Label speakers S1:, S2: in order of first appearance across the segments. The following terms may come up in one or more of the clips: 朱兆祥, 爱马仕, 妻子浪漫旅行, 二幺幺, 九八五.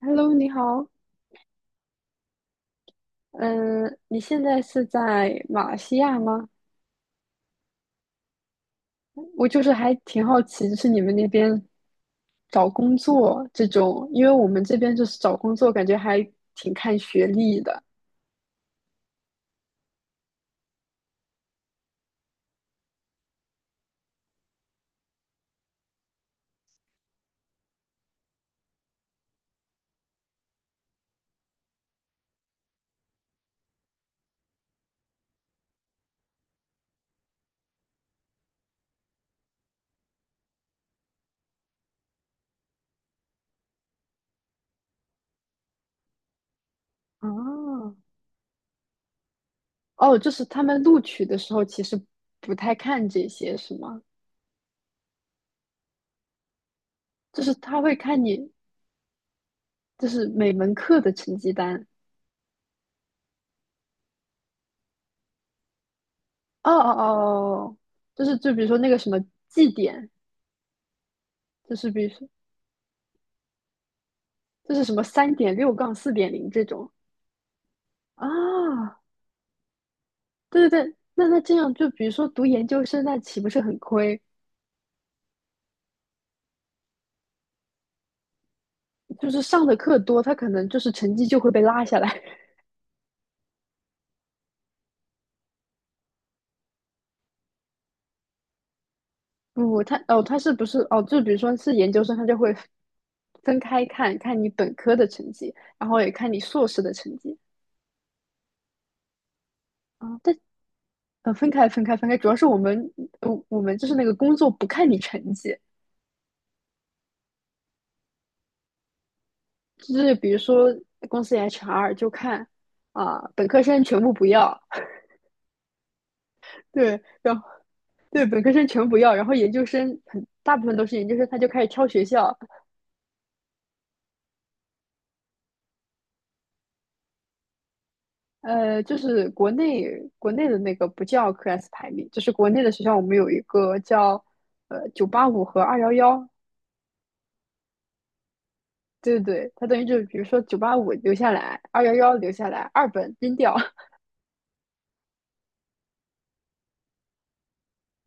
S1: Hello，你好，嗯，你现在是在马来西亚吗？我就是还挺好奇，就是你们那边找工作这种，因为我们这边就是找工作，感觉还挺看学历的。哦，哦，就是他们录取的时候其实不太看这些，是吗？就是他会看你，就是每门课的成绩单。哦哦哦，哦就是就比如说那个什么绩点，就是比如说就是什么三点六杠四点零这种。啊，对对对，那那这样就比如说读研究生，那岂不是很亏？就是上的课多，他可能就是成绩就会被拉下来。不，他哦，他是不是哦？就比如说是研究生，他就会分开看你本科的成绩，然后也看你硕士的成绩啊。但分开，主要是我们我们就是那个工作不看你成绩，就是比如说公司 HR 就看啊，本科生全部不要对，然后对本科生全不要，然后研究生很大部分都是研究生，他就开始挑学校。就是国内的那个不叫 QS 排名，就是国内的学校我们有一个叫九八五和二幺幺，对对对，它等于就是比如说九八五留下来，二幺幺留下来，二本扔掉。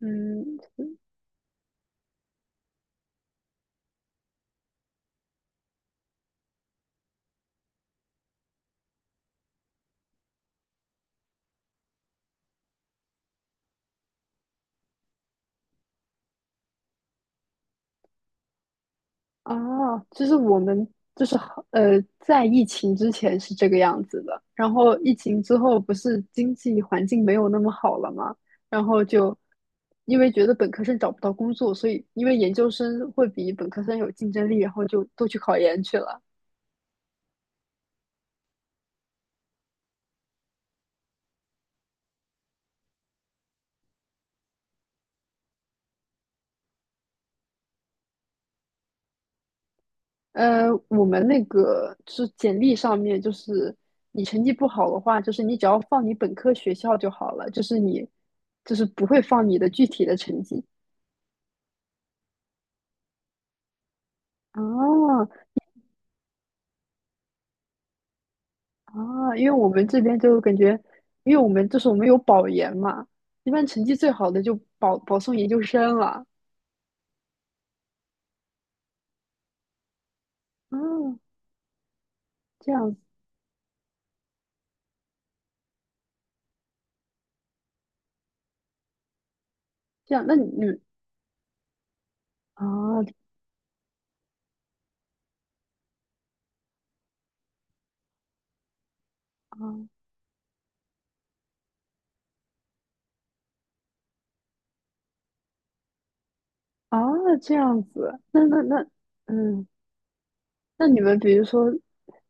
S1: 嗯。哦，就是我们就是好在疫情之前是这个样子的，然后疫情之后不是经济环境没有那么好了嘛，然后就因为觉得本科生找不到工作，所以因为研究生会比本科生有竞争力，然后就都去考研去了。我们那个就是简历上面，就是你成绩不好的话，就是你只要放你本科学校就好了，就是你就是不会放你的具体的成绩。哦，啊，因为我们这边就感觉，因为我们就是我们有保研嘛，一般成绩最好的就保送研究生了。嗯，这样子，这样，那你啊啊啊这样子，那那那嗯，那你们比如说，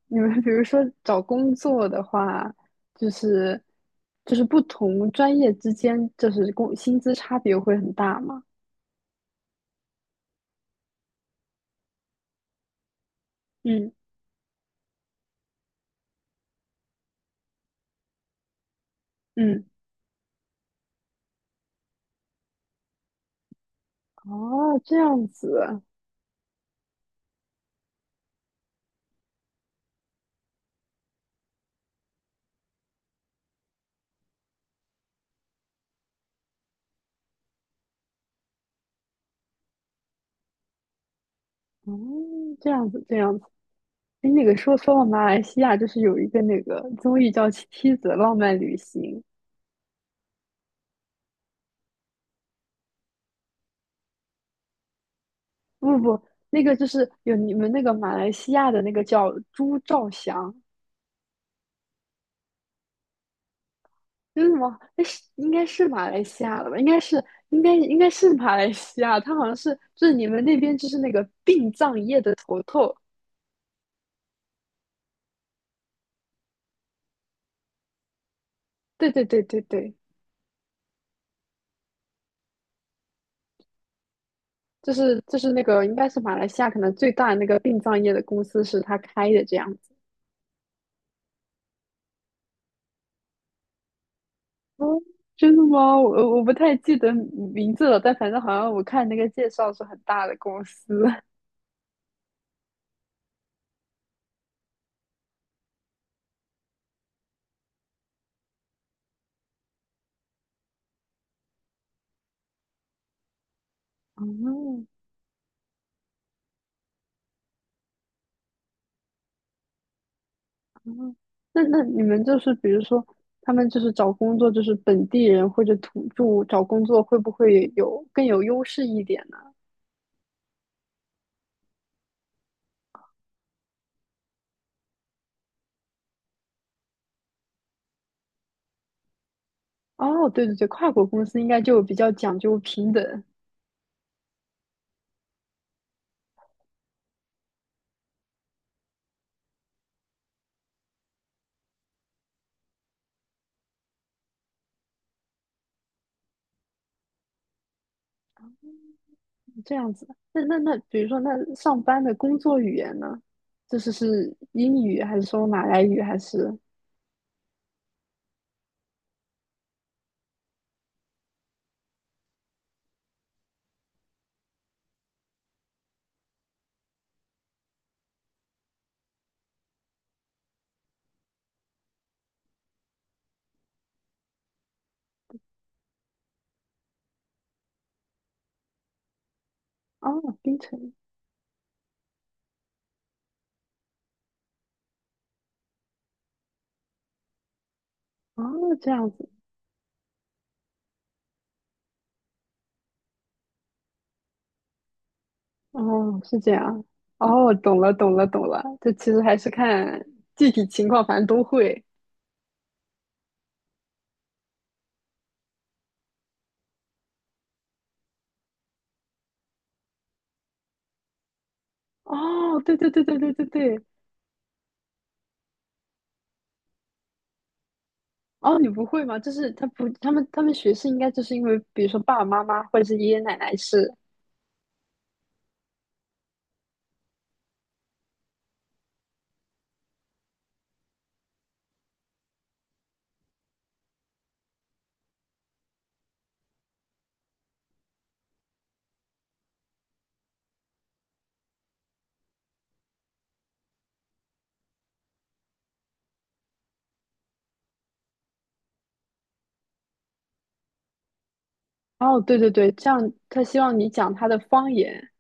S1: 你们比如说找工作的话，就是就是不同专业之间就是工薪资差别会很大吗？嗯嗯。哦，这样子。哦，这样子这样子。哎，那个说到马来西亚，就是有一个那个综艺叫《妻子浪漫旅行》。不不不，那个就是有你们那个马来西亚的那个叫朱兆祥，真是什么？那是应该是马来西亚的吧？应该是，应该应该是马来西亚，他好像是就是你们那边就是那个殡葬业的头头。对对对对对，就是就是那个应该是马来西亚可能最大的那个殡葬业的公司是他开的这样。哦，真的吗？我我不太记得名字了，但反正好像我看那个介绍是很大的公司。哦哦。那那你们就是比如说，他们就是找工作，就是本地人或者土著找工作，会不会有更有优势一点呢？哦，对对对，跨国公司应该就比较讲究平等这样子。那那那，比如说那上班的工作语言呢？就是是英语还是说马来语还是？哦，槟城。哦，这样子。哦，是这样。哦，懂了，懂了，懂了。这其实还是看具体情况，反正都会。哦，对对对对对对对。哦，你不会吗？就是他不，他们他们学是应该就是因为，比如说爸爸妈妈或者是爷爷奶奶是。哦，对对对，这样他希望你讲他的方言。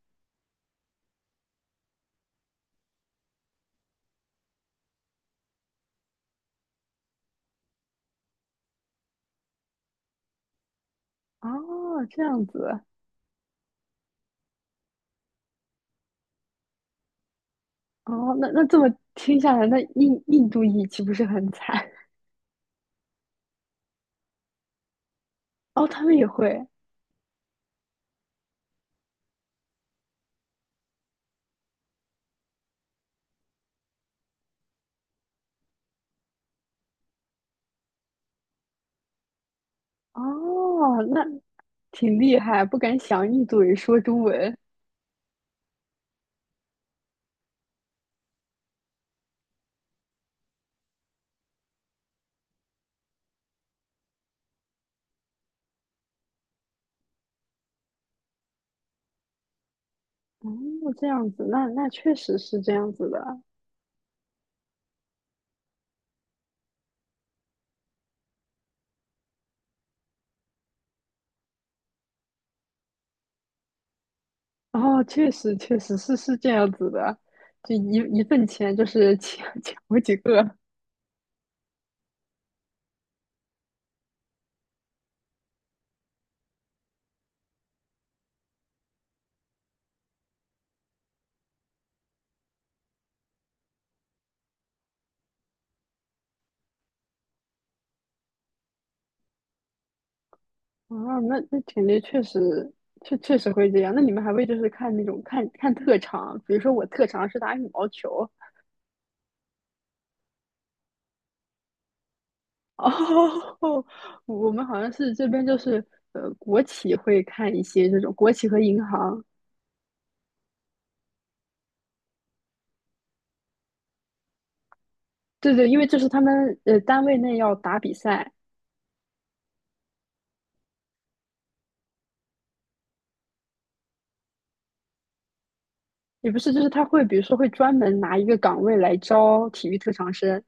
S1: 哦，这样子。哦，那那这么听下来，那印印度裔岂不是很惨？哦，他们也会。哦，那挺厉害，不敢想印度人说中文。哦，这样子，那那确实是这样子的。哦，确实确实是这样子的，就一份钱就是抢 抢好几个。啊，那那感觉确实确确实会这样。那你们还会就是看那种看看特长，比如说我特长是打羽毛球。哦，我们好像是这边就是国企会看一些这种国企和银行。对对，因为这是他们单位内要打比赛，也不是，就是他会比如说会专门拿一个岗位来招体育特长生。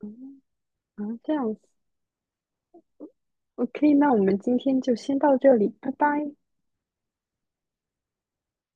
S1: 嗯啊，这样子，OK,那我们今天就先到这里，拜拜。